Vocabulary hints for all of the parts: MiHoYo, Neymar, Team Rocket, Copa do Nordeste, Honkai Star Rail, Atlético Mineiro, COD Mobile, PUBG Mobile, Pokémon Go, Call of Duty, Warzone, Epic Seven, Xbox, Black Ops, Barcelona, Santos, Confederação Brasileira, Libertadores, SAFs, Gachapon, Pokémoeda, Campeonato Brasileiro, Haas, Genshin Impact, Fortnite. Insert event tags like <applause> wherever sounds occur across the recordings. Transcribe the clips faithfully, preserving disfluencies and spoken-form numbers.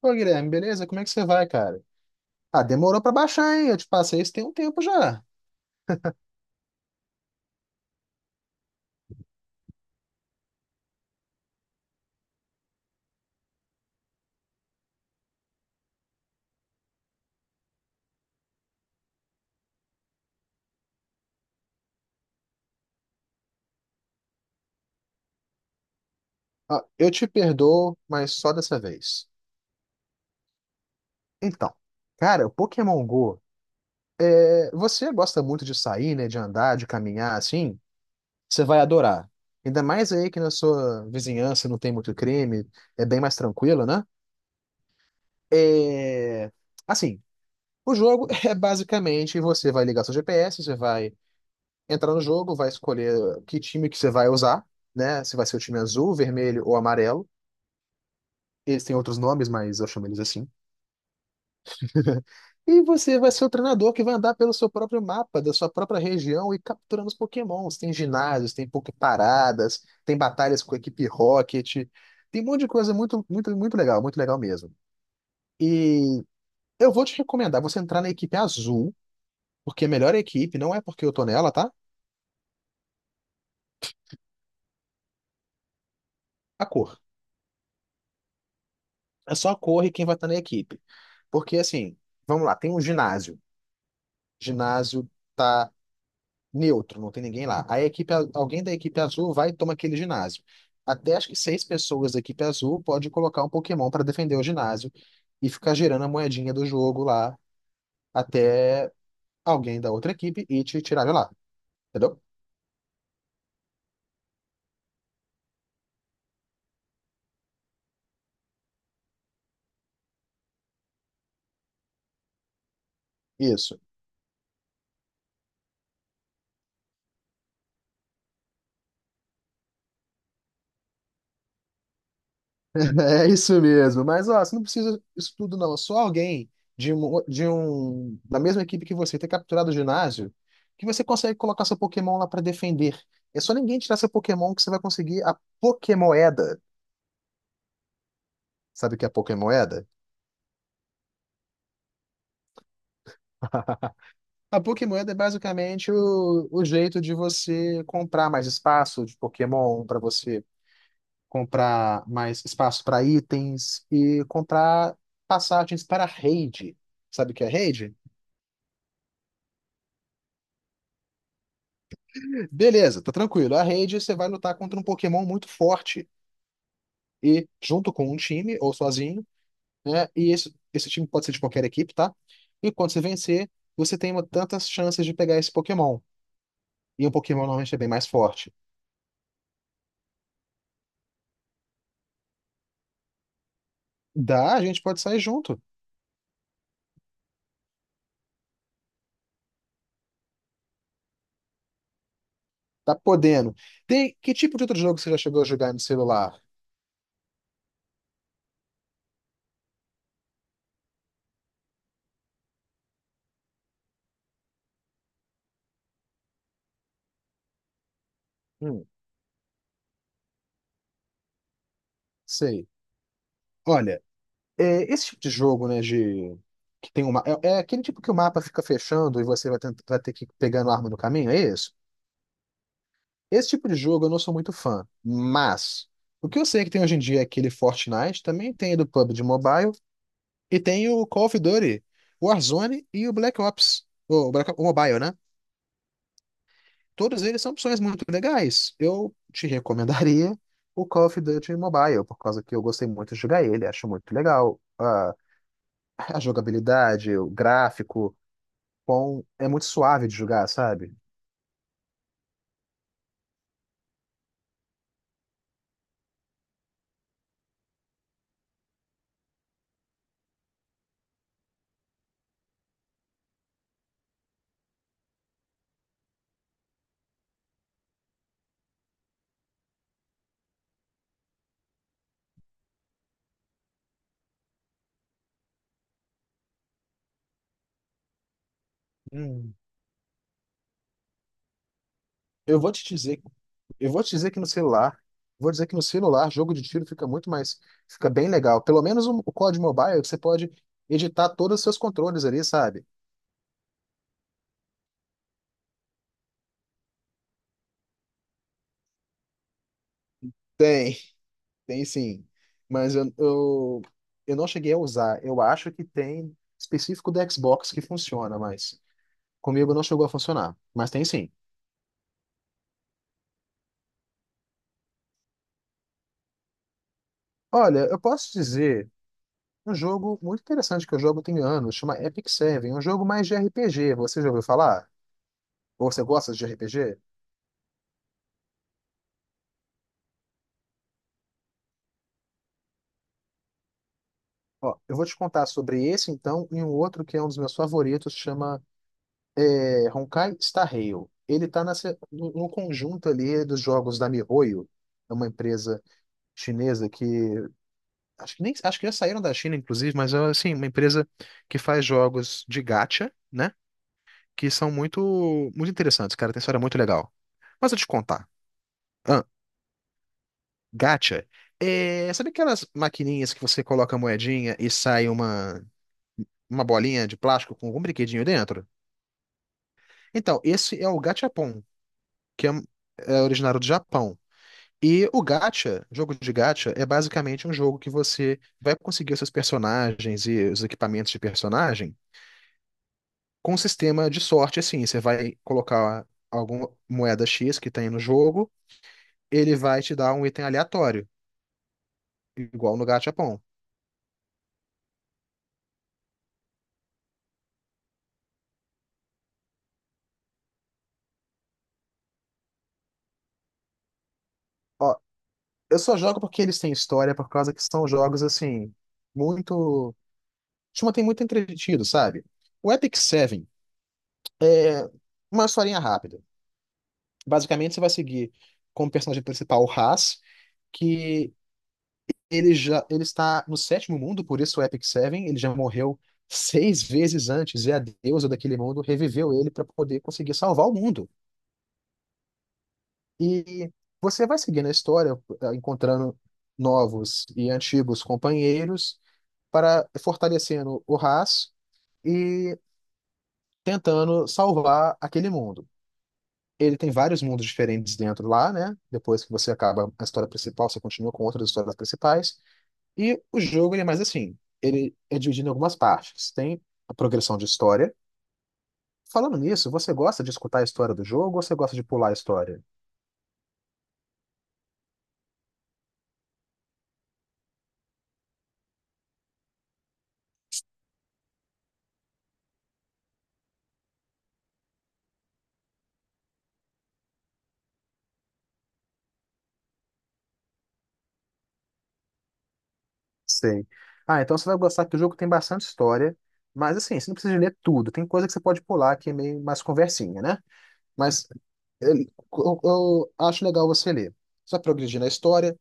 Pô, Guilherme, beleza? Como é que você vai, cara? Ah, demorou pra baixar, hein? Eu te passei isso tem um tempo já. Ah, eu te perdoo, mas só dessa vez. Então, cara, o Pokémon Go, é, você gosta muito de sair, né? De andar, de caminhar, assim? Você vai adorar. Ainda mais aí que na sua vizinhança não tem muito crime, é bem mais tranquilo, né? É... Assim, o jogo <laughs> é basicamente você vai ligar seu G P S, você vai entrar no jogo, vai escolher que time que você vai usar, né? Se vai ser o time azul, vermelho ou amarelo. Eles têm outros nomes, mas eu chamo eles assim. <laughs> E você vai ser o treinador que vai andar pelo seu próprio mapa, da sua própria região e capturando os Pokémons. Tem ginásios, tem Poképaradas, tem batalhas com a equipe Rocket. Tem um monte de coisa muito, muito, muito legal, muito legal mesmo. E eu vou te recomendar você entrar na equipe azul, porque é melhor a melhor equipe não é porque eu tô nela, tá? A cor. É só a cor e quem vai estar na equipe. Porque assim, vamos lá, tem um ginásio. Ginásio tá neutro, não tem ninguém lá. Aí a equipe, a- alguém da equipe azul vai e toma aquele ginásio. Até acho que seis pessoas da equipe azul pode colocar um Pokémon para defender o ginásio e ficar girando a moedinha do jogo lá até alguém da outra equipe e te tirar de lá. Entendeu? Isso. É isso mesmo. Mas, ó, você não precisa disso tudo, não. É só alguém de um, de um, da mesma equipe que você ter capturado o ginásio, que você consegue colocar seu Pokémon lá pra defender. É só ninguém tirar seu Pokémon que você vai conseguir a Pokémoeda. Sabe o que é a Pokémoeda? <laughs> A Pokémoeda é basicamente o, o jeito de você comprar mais espaço de Pokémon, para você comprar mais espaço para itens e comprar passagens para raid. Sabe o que é raid? Beleza, tá tranquilo. A rede você vai lutar contra um Pokémon muito forte e junto com um time ou sozinho, né? E esse, esse time pode ser de qualquer equipe, tá? E quando você vencer, você tem uma- tantas chances de pegar esse Pokémon. E um Pokémon normalmente é bem mais forte. Dá, a gente pode sair junto. Tá podendo. Tem que tipo de outro jogo você já chegou a jogar no celular? Hum, Sei. Olha, é, esse tipo de jogo, né, de que tem uma é, é aquele tipo que o mapa fica fechando e você vai, tent- vai ter que ir pegando arma no caminho, é isso? Esse tipo de jogo eu não sou muito fã, mas o que eu sei que tem hoje em dia é aquele Fortnite, também tem do P U B G Mobile e tem o Call of Duty, o Warzone e o Black Ops, o, Black Ops- o Mobile, né? Todos eles são opções muito legais. Eu te recomendaria o Call of Duty Mobile, por causa que eu gostei muito de jogar ele, acho muito legal. A, a jogabilidade, o gráfico, com, é muito suave de jogar, sabe? Hum. Eu vou te dizer Eu vou te dizer que no celular, vou dizer que no celular, jogo de tiro fica muito mais, fica bem legal. Pelo menos o, o C O D Mobile, que você pode editar todos os seus controles ali, sabe? Tem, tem sim. Mas eu, eu, eu não cheguei a usar. Eu acho que tem específico do Xbox que funciona, mas comigo não chegou a funcionar. Mas tem sim. Olha, eu posso dizer um jogo muito interessante que eu jogo tem anos, chama Epic Seven, um jogo mais de R P G. Você já ouviu falar? Ou você gosta de R P G? Ó, eu vou te contar sobre esse, então, e um outro que é um dos meus favoritos, chama é, Honkai Star Rail. Ele tá nessa, no, no conjunto ali dos jogos da MiHoYo, é uma empresa chinesa que acho que nem acho que já saíram da China, inclusive, mas é assim, uma empresa que faz jogos de gacha, né? Que são muito muito interessantes, cara, tem história muito legal. Mas eu te contar. Ah, gacha é, sabe aquelas maquininhas que você coloca a moedinha e sai uma uma bolinha de plástico com algum brinquedinho dentro? Então, esse é o Gachapon, que é, é originário do Japão. E o gacha, jogo de gacha, é basicamente um jogo que você vai conseguir os seus personagens e os equipamentos de personagem com um sistema de sorte, assim. Você vai colocar alguma moeda X que tem no jogo, ele vai te dar um item aleatório, igual no Gachapon. Ó, eu só jogo porque eles têm história, por causa que são jogos, assim, muito... Te mantém muito entretido, sabe? O Epic Seven é uma historinha rápida. Basicamente, você vai seguir como personagem principal o Haas, que ele já ele está no sétimo mundo, por isso o Epic Seven. Ele já morreu seis vezes antes, e a deusa daquele mundo reviveu ele para poder conseguir salvar o mundo. E você vai seguindo a história, eh, encontrando novos e antigos companheiros para eh, fortalecendo o Haas e tentando salvar aquele mundo. Ele tem vários mundos diferentes dentro lá, né? Depois que você acaba a história principal, você continua com outras histórias principais. E o jogo, ele é mais assim, ele é dividido em algumas partes. Tem a progressão de história. Falando nisso, você gosta de escutar a história do jogo ou você gosta de pular a história? Sei. Ah, então você vai gostar que o jogo tem bastante história, mas assim, você não precisa ler tudo. Tem coisa que você pode pular que é meio mais conversinha, né? Mas eu, eu acho legal você ler. Você vai progredir na história.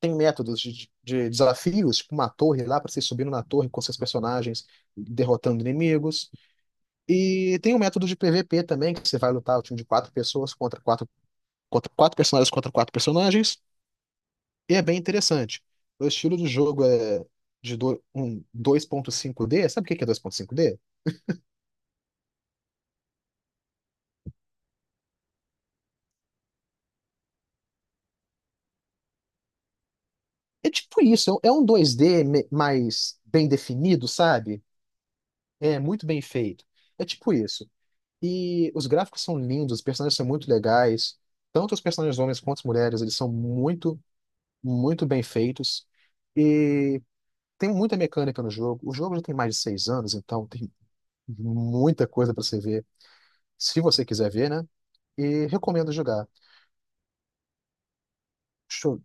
Tem métodos de, de desafios, tipo uma torre lá para você ir subindo na torre com seus personagens, derrotando inimigos. E tem um método de P V P também, que você vai lutar o time de quatro pessoas contra quatro, contra quatro personagens contra quatro personagens. E é bem interessante. O estilo do jogo é de do, um dois ponto cinco d. Sabe o que que é dois ponto cinco d? É tipo isso, é um é um dois d me- mais bem definido, sabe? É muito bem feito. É tipo isso. E os gráficos são lindos, os personagens são muito legais. Tanto os personagens homens quanto as mulheres, eles são muito, muito bem feitos. E tem muita mecânica no jogo. O jogo já tem mais de seis anos, então tem muita coisa para você ver, se você quiser ver, né? E recomendo jogar. Deixa eu-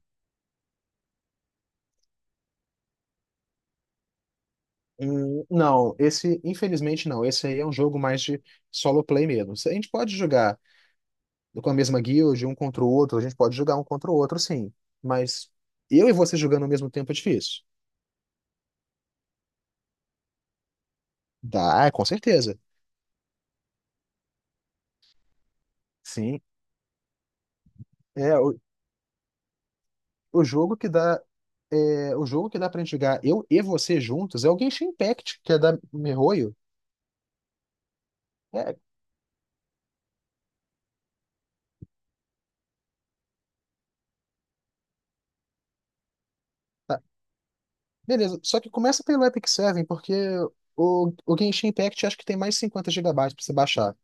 Hum, Não, esse, infelizmente não. Esse aí é um jogo mais de solo play mesmo. A gente pode jogar com a mesma guild, um contra o outro, a gente pode jogar um contra o outro, sim. Mas eu e você jogando ao mesmo tempo é difícil. Dá, com certeza. Sim. É, o, o jogo que dá. é, o jogo que dá pra gente jogar eu e você juntos é o Genshin Impact, que é da MiHoYo. É, tá. Beleza. Só que começa pelo Epic Seven, porque o, o Genshin Impact acho que tem mais cinquenta gigabytes pra você baixar.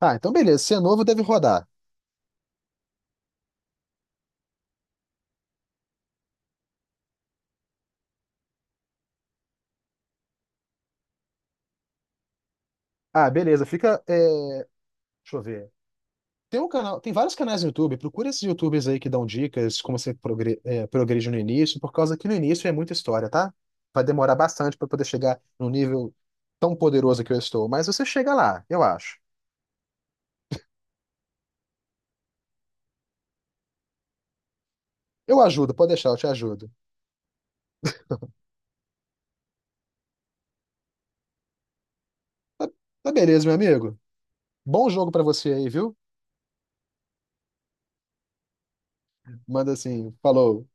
Ah, então beleza. Se é novo, deve rodar. Ah, beleza. Fica. É, deixa eu ver. Tem um canal, tem vários canais no YouTube. Procura esses YouTubers aí que dão dicas como você progre, é, progredir no início, por causa que no início é muita história, tá? Vai demorar bastante para poder chegar no nível tão poderoso que eu estou, mas você chega lá, eu acho. Eu ajudo, pode deixar, eu te ajudo. Tá beleza, meu amigo. Bom jogo pra você aí, viu? Manda assim, falou.